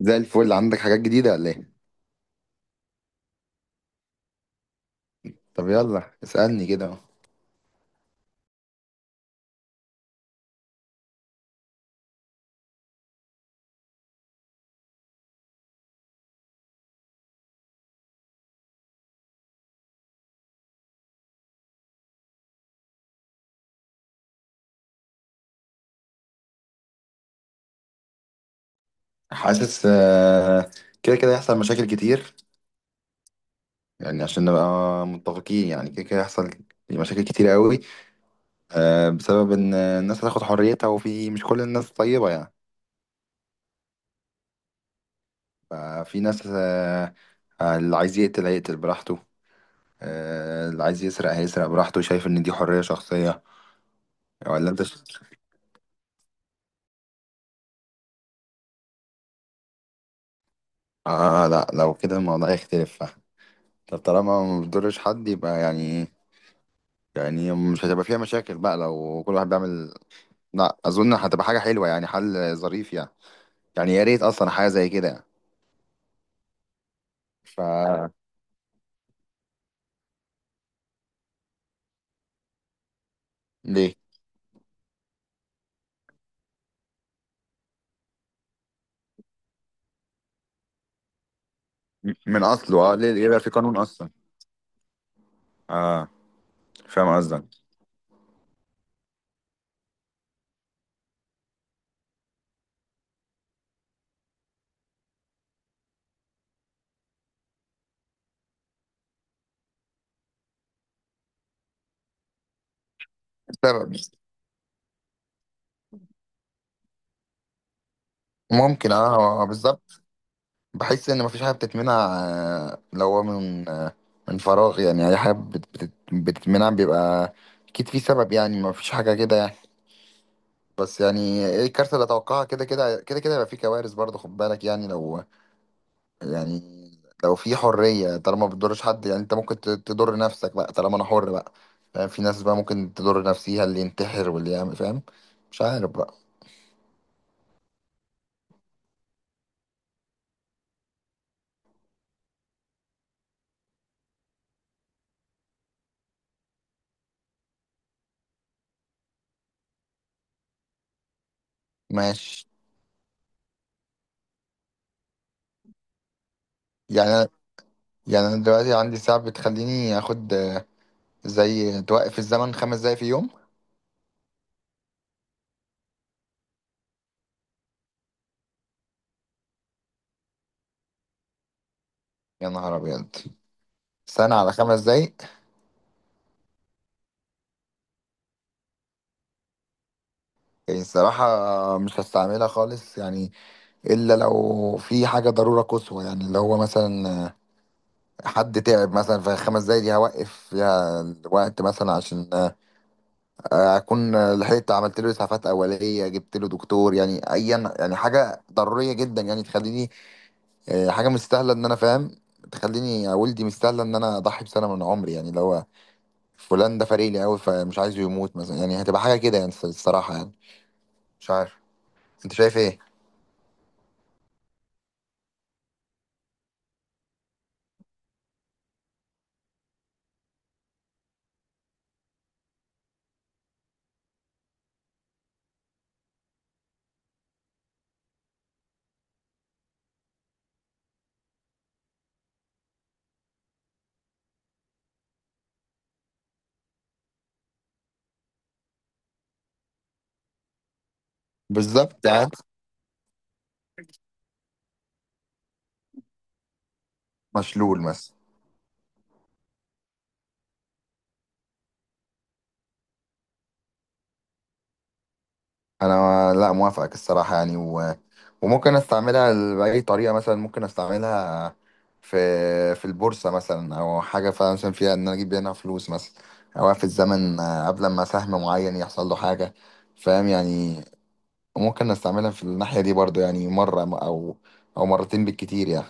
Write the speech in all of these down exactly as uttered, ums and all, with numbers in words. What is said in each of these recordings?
زي الفل، عندك حاجات جديدة ولا ايه؟ طب يلا اسألني كده اهو. حاسس آه، كده كده يحصل مشاكل كتير، يعني عشان نبقى متفقين، يعني كده كده يحصل مشاكل كتير قوي آه، بسبب ان الناس هتاخد حريتها وفي مش كل الناس طيبة يعني. ففي ناس، آه، آه، اللي عايز يقتل هيقتل براحته، آه، اللي عايز يسرق هيسرق براحته، شايف ان دي حرية شخصية. ولا انت ش- آه آه، لا لو كده الموضوع يختلف. طب طالما ما بتضرش حد يبقى يعني، يعني مش هتبقى فيها مشاكل بقى لو كل واحد بيعمل. لا اظن هتبقى حاجه حلوه يعني، حل ظريف يعني، يعني يا ريت اصلا حاجه زي كده يعني. ف ليه. م- من اصله اه، ليه ليه يبقى في قانون اصلا. اه فاهم قصدك. سبب، ممكن اه. هو بالظبط. بحس ان مفيش حاجه بتتمنع، آه، لو هو من آه، من فراغ يعني، اي حاجه بت- بت- بتتمنع بيبقى اكيد في سبب يعني، مفيش حاجه كده يعني. بس يعني ايه الكارثه اللي اتوقعها؟ كده كده كده كده هيبقى في كوارث برضه، خد بالك يعني. لو يعني لو في حرية طالما ما بتضرش حد، يعني انت ممكن ت- تضر نفسك بقى طالما انا حر بقى. فاهم، في ناس بقى ممكن تضر نفسيها، اللي ينتحر واللي يعمل، فاهم. مش عارف بقى. ماشي. يعني انا، يعني انا دلوقتي عندي ساعة بتخليني اخد آه، زي توقف الزمن خمس دقايق في يوم. يا نهار ابيض، سنة على خمس دقايق؟ يعني الصراحة مش هستعملها خالص يعني، إلا لو في حاجة ضرورة قصوى يعني، اللي هو مثلا حد تعب مثلا، في خمس دقايق دي هوقف فيها الوقت مثلا عشان آه، اكون لحقت عملت له اسعافات اوليه، جبت له دكتور يعني، ايا يعني حاجه ضروريه جدا يعني، تخليني آه، حاجه مستاهله ان انا فاهم، تخليني يا والدي مستاهله ان انا اضحي بسنه من عمري، يعني اللي هو فلان ده فارق لي قوي فمش عايزه يموت مثلا، يعني هتبقى حاجه كده يعني الصراحه يعني. مش عارف، انت شايف ايه؟ بالظبط. قاعد. مشلول مثلا. انا لا موافقك الصراحه يعني، و... وممكن استعملها ل- باي طريقه، مثلا ممكن استعملها في في البورصه مثلا، او حاجه فعلا مثلا فيها ان انا اجيب منها فلوس مثلا، او في الزمن آه، قبل ما سهم معين يحصل له حاجه، فاهم يعني. ممكن استعملها في الناحيه دي برضو يعني، مره م- او او مرتين بالكتير يعني.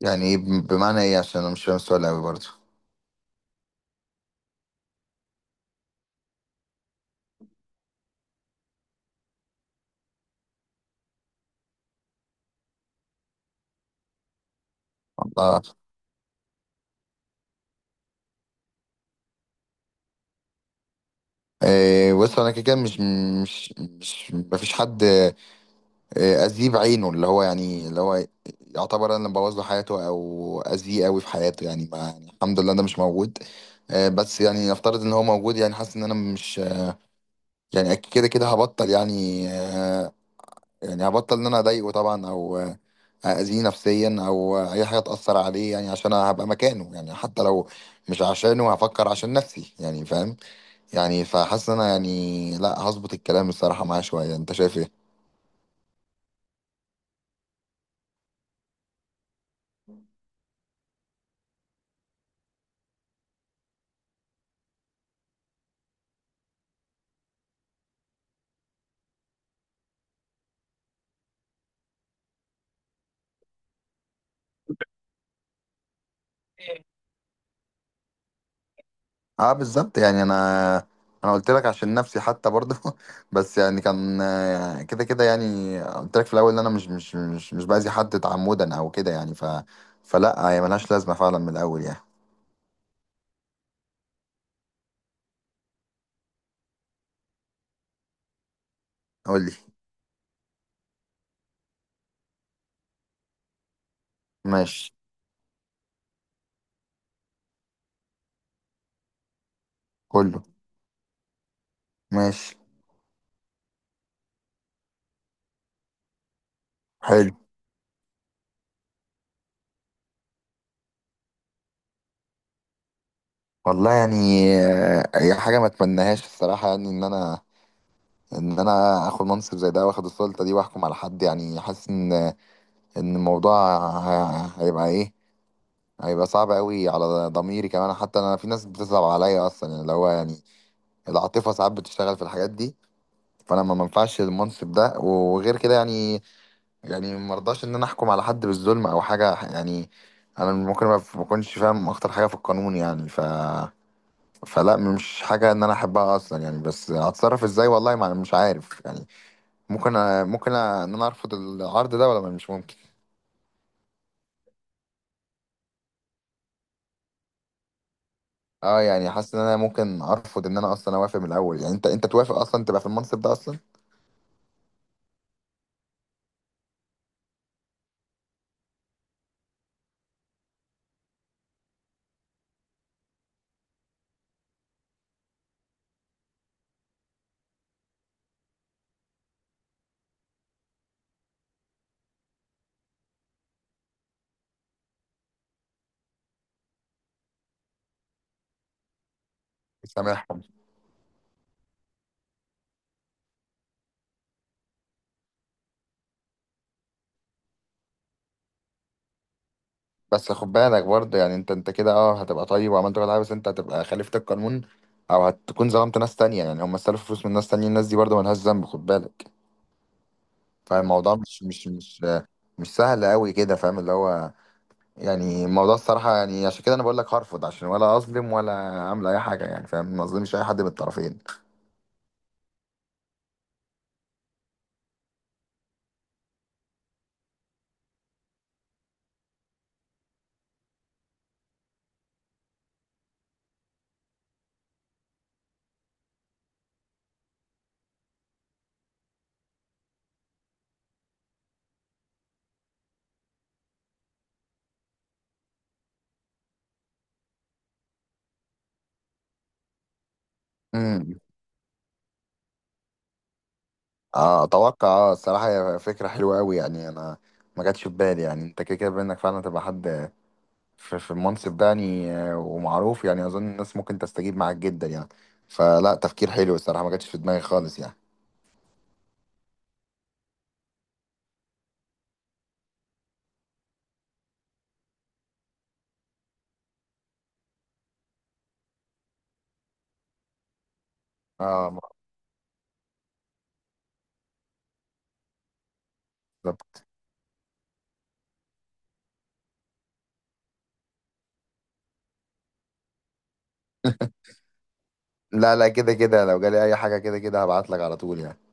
يعني إيه بم- بمعنى ايه؟ عشان انا مش فاهم السؤال قوي برضو. الله. إيه، بص انا كده كده مش مش مش مفيش حد آه، اذيه بعينه، اللي هو يعني، اللي هو يعتبر انا اللي مبوظ له حياته او اذيه قوي في حياته يعني، ما يعني الحمد لله انا مش موجود آه، بس يعني نفترض ان هو موجود يعني، حاسس ان انا مش، يعني أكيد كده كده هبطل يعني، آه، يعني هبطل ان انا اضايقه طبعا، او آه، اذيه نفسيا او اي حاجه تاثر عليه يعني عشان أنا هبقى مكانه يعني، حتى لو مش عشانه هفكر عشان نفسي يعني، فاهم يعني. فحاسس ان انا يعني لا هظبط الكلام الصراحه معاه شويه. انت شايف ايه؟ اه بالظبط يعني، انا انا قلت لك عشان نفسي حتى برضه بس يعني كان آه، كده كده يعني، قلت لك في الاول ان انا مش مش مش مش باذي حد تعمدا او كده يعني، ف فلا هي ملهاش لازمه فعلا من الاول يعني. قول لي. ماشي. كله. ماشي. حلو. والله يعني آه، هي حاجه ما اتمناهاش الصراحه يعني، ان انا ان انا اخد منصب زي ده واخد السلطه دي واحكم على حد، يعني حاسس ان ان الموضوع ه- هيبقى ايه، هيبقى صعب قوي على ضميري كمان، حتى انا في ناس بتصعب عليا اصلا يعني، اللي هو يعني العاطفه ساعات بتشتغل في الحاجات دي. فانا ما منفعش المنصب ده وغير كده يعني، يعني مرضاش ان انا احكم على حد بالظلم او حاجه يعني، انا ممكن ما ما اكونش فاهم اكتر حاجه في القانون يعني. ف فلا مش حاجه ان انا احبها اصلا يعني، بس هتصرف ازاي والله ما مش عارف يعني. ممكن أ- ممكن أ- ان انا ارفض العرض ده ولا مش ممكن؟ اه يعني حاسس ان انا ممكن ارفض ان انا اصلا اوافق من الاول يعني. انت انت توافق اصلا تبقى في المنصب ده اصلا؟ سامحهم. بس خد بالك برضه يعني، انت انت كده اه هتبقى طيب وعملت كل حاجه، بس انت هتبقى خالفت القانون، او هتكون ظلمت ناس تانية، يعني هم استلفوا فلوس من ناس تانية، الناس دي برضه ملهاش ذنب، خد بالك. فالموضوع مش مش مش مش سهل قوي كده، فاهم اللي هو، يعني الموضوع الصراحه يعني، عشان كده انا بقول لك هرفض، عشان ولا اظلم ولا اعمل اي حاجه يعني، فاهم، ما اظلمش اي حد من الطرفين. اه اتوقع، اه الصراحه هي فكره حلوه قوي يعني، انا ما جاتش في بالي يعني، انت كده كده بانك فعلا تبقى حد في, في المنصب ده يعني آه، ومعروف، يعني اظن الناس ممكن تستجيب معاك جدا يعني. فلا تفكير حلو الصراحه، ما جاتش في دماغي خالص يعني. اه بالظبط. لا لا، كده كده لو جالي اي حاجه كده كده هبعت لك على طول يعني.